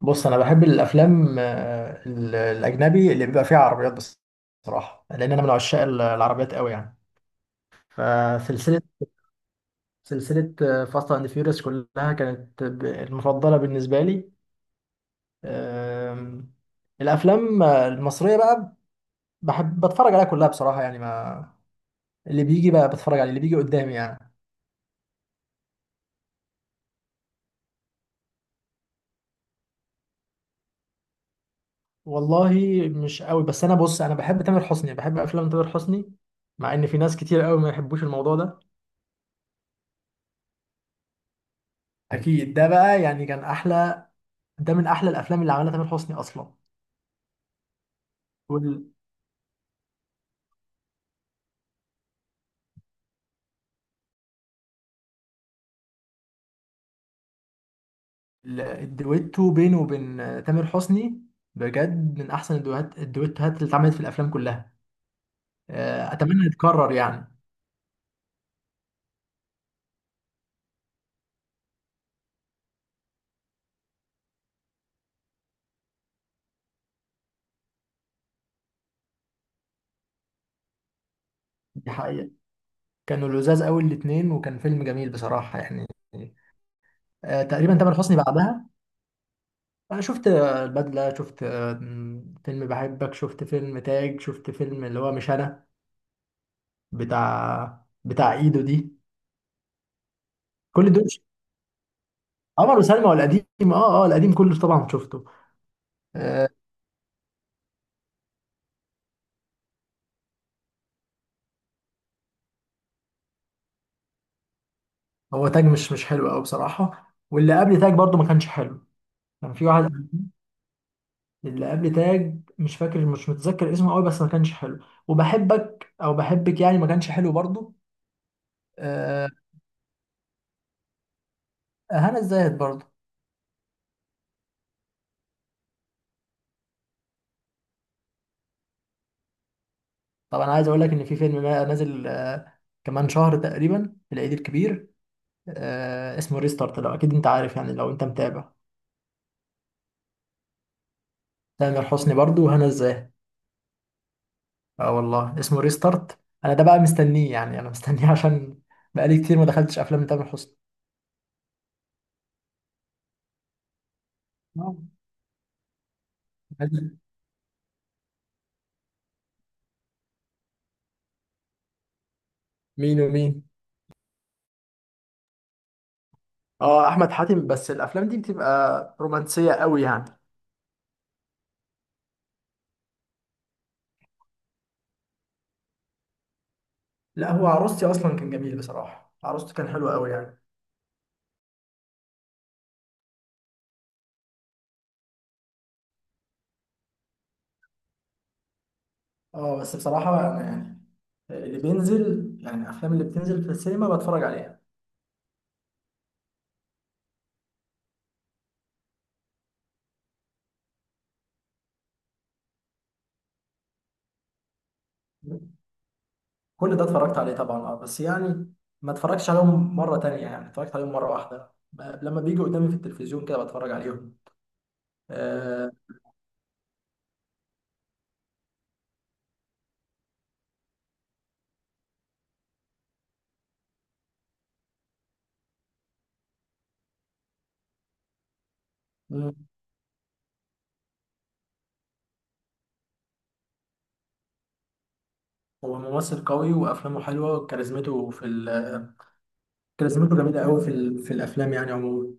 بص، انا بحب الافلام الاجنبي اللي بيبقى فيها عربيات بس. بصراحه، لان انا من عشاق العربيات قوي يعني. فسلسله سلسله فاست اند فيوريوس كلها كانت المفضله بالنسبه لي. آم، الافلام المصريه بقى بحب بتفرج عليها كلها بصراحه يعني. ما اللي بيجي بقى بتفرج عليه، اللي بيجي قدامي يعني. والله مش قوي، بس انا بص، انا بحب تامر حسني، بحب افلام تامر حسني مع ان في ناس كتير قوي ما يحبوش الموضوع ده. اكيد ده بقى يعني كان احلى، ده من احلى الافلام اللي عملها تامر حسني اصلا. والدويتو بينه وبين تامر حسني بجد من احسن الدويتوهات اللي اتعملت في الافلام كلها. اتمنى يتكرر يعني. دي حقيقة، كانوا لذاذ قوي الاتنين وكان فيلم جميل بصراحة يعني. تقريبا تامر حسني بعدها شفت البدلة شفت آه، فيلم بحبك، شفت فيلم تاج، شفت فيلم اللي هو مش انا، بتاع ايدو دي. كل دول عمر وسلمى والقديم. اه اه، القديم كله طبعا شفته. آه، هو تاج مش حلو قوي بصراحة، واللي قبل تاج برضو ما كانش حلو. كان في واحد اللي قبل تاج مش فاكر، مش متذكر اسمه قوي، بس ما كانش حلو. وبحبك او بحبك يعني ما كانش حلو برضو. آه، هنا الزاهد برضو. طب انا عايز اقول لك ان في فيلم نازل كمان شهر تقريبا في العيد الكبير. اسمه ريستارت، لو اكيد انت عارف يعني لو انت متابع. تامر حسني برضو وهنا الزاهد. اه والله اسمه ريستارت. انا ده بقى مستنيه يعني، انا مستنيه عشان بقالي كتير ما دخلتش افلام تامر حسني. مين ومين؟ اه احمد حاتم، بس الافلام دي بتبقى رومانسيه قوي يعني. لا، هو عروستي اصلا كان جميل بصراحه، عروسته كان حلو قوي يعني. اه، بس بصراحه انا يعني اللي بينزل يعني الافلام اللي بتنزل في السينما بتفرج عليها. كل ده اتفرجت عليه طبعا، اه، بس يعني ما اتفرجتش عليهم مره تانية يعني اتفرجت عليهم مره واحده، لما بيجوا قدامي في التلفزيون كده بتفرج عليهم. آه. مم. هو ممثل قوي وافلامه حلوه وكاريزمته كاريزمته جميله قوي في الافلام يعني عموما.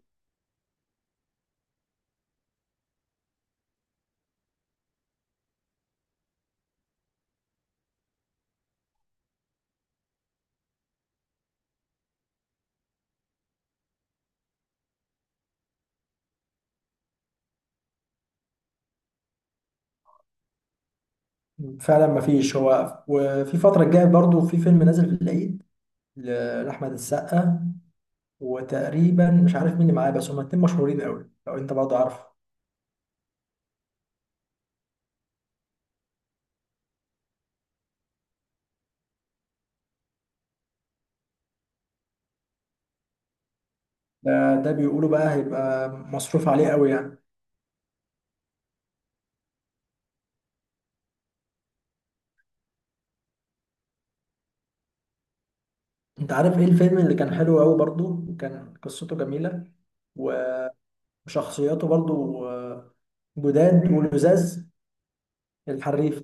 فعلا ما فيش، هو وفي فترة الجاية برضو في فيلم نازل في العيد لأحمد السقا، وتقريبا مش عارف مين اللي معاه، بس هما اتنين مشهورين قوي لو انت برضو عارف. ده، بيقولوا بقى هيبقى مصروف عليه قوي يعني. انت عارف ايه الفيلم اللي كان حلو قوي برضو وكان قصته جميلة وشخصياته برضو جداد ولزاز؟ الحريف.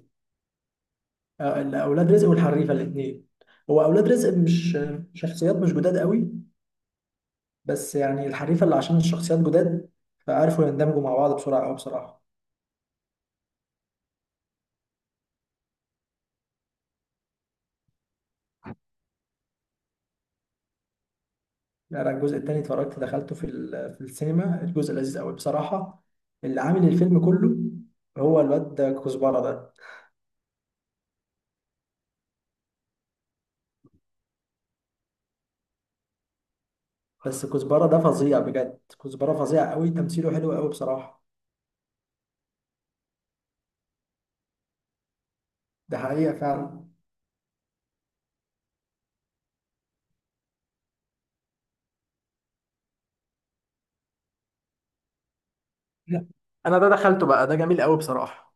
اولاد رزق والحريفة الاتنين. هو اولاد رزق مش شخصيات مش جداد قوي، بس يعني الحريفة اللي عشان الشخصيات جداد فعرفوا يندمجوا مع بعض بسرعة أوي بصراحة. يعني أنا الجزء التاني اتفرجت، دخلته في السينما. الجزء لذيذ أوي بصراحة. اللي عامل الفيلم كله هو الواد ده، كزبرة ده. بس كزبرة ده فظيع بجد، كزبرة فظيع أوي، تمثيله حلو أوي بصراحة. ده حقيقة فعلا. لا انا ده دخلته بقى، ده جميل قوي بصراحه.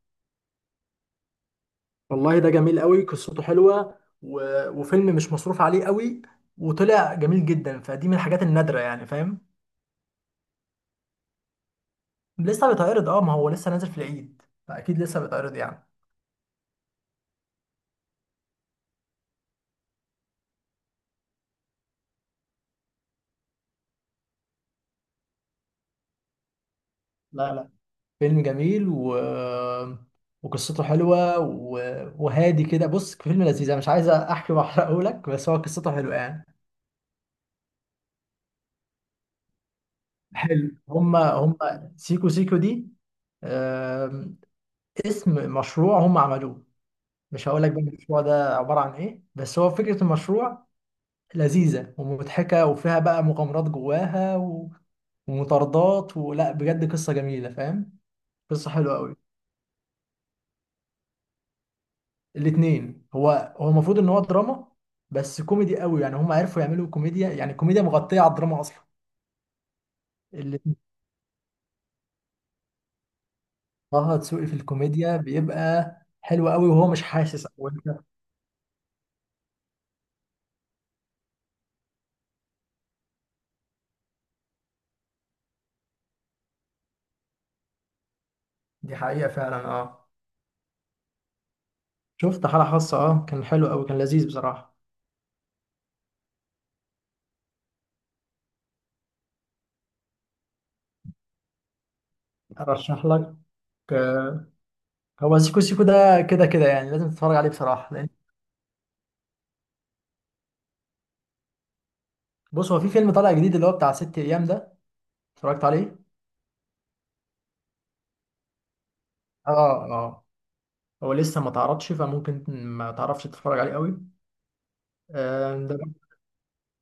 والله ده جميل قوي، قصته حلوه و... وفيلم مش مصروف عليه قوي وطلع جميل جدا، فدي من الحاجات النادره يعني فاهم. لسه بيتعرض اه، ما هو لسه نازل في العيد فاكيد لسه بيتعرض يعني. لا لا، فيلم جميل و... وقصته حلوه و... وهادي كده. بص، فيلم لذيذ، انا مش عايز احكي واحرقه لك، بس هو قصته حلوه يعني. حلو. هما سيكو سيكو دي آم، اسم مشروع هما عملوه. مش هقول لك بقى المشروع ده عباره عن ايه، بس هو فكره المشروع لذيذه ومضحكه وفيها بقى مغامرات جواها و... ومطاردات ولا بجد، قصه جميله فاهم. قصه حلوه قوي. الاثنين. هو المفروض ان هو دراما، بس كوميدي قوي يعني، هم عرفوا يعملوا كوميديا يعني كوميديا مغطيه على الدراما اصلا. اللي طه دسوقي في الكوميديا بيبقى حلو قوي، وهو مش حاسس او انت؟ دي حقيقة فعلا اه. شفت حالة خاصة، اه، كان حلو قوي كان لذيذ بصراحة. ارشح لك آه، هو سيكو سيكو ده كده كده يعني لازم تتفرج عليه بصراحة لان. بص هو في فيلم طالع جديد اللي هو بتاع ست ايام ده، اتفرجت عليه. اه اه، هو لسه ما تعرضش فممكن ما تعرفش تتفرج عليه قوي. ده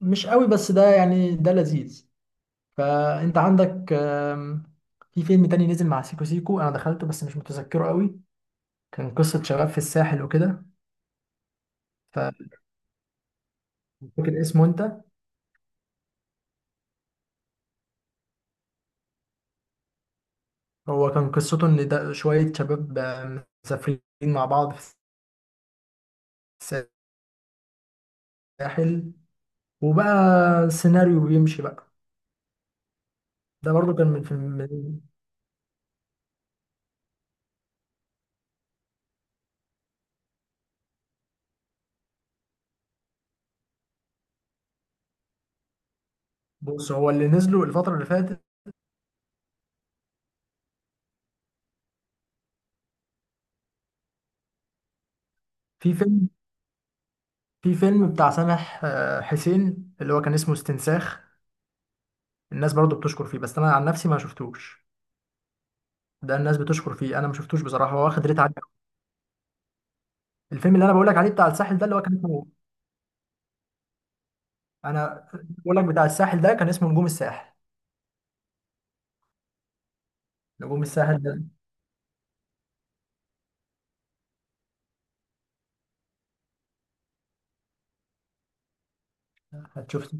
مش قوي، بس ده يعني ده لذيذ. فانت عندك في فيلم تاني نزل مع سيكو سيكو انا دخلته، بس مش متذكره قوي. كان قصة شباب في الساحل وكده. فاكر اسمه انت؟ هو كان قصته ان ده شوية شباب مسافرين مع بعض في الساحل، وبقى سيناريو بيمشي بقى. ده برضو كان من فيلم بص هو اللي نزله الفترة اللي فاتت. في فيلم في فيلم بتاع سامح حسين اللي هو كان اسمه استنساخ. الناس برضو بتشكر فيه، بس انا عن نفسي ما شفتوش. ده الناس بتشكر فيه، انا ما شفتوش بصراحه، هو واخد ريت عالي أوي. الفيلم اللي انا بقول لك عليه بتاع الساحل ده اللي هو كان اسمه، انا بقول لك بتاع الساحل ده كان اسمه نجوم الساحل. نجوم الساحل ده. هتشوف.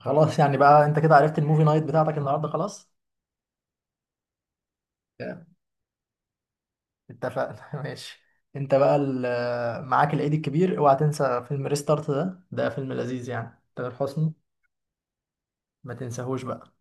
خلاص يعني، بقى انت كده عرفت الموفي نايت بتاعتك النهارده، خلاص. yeah. اتفقنا ماشي. انت بقى معاك العيد الكبير، اوعى تنسى فيلم ريستارت ده فيلم لذيذ يعني تامر حسني. ما تنساهوش بقى.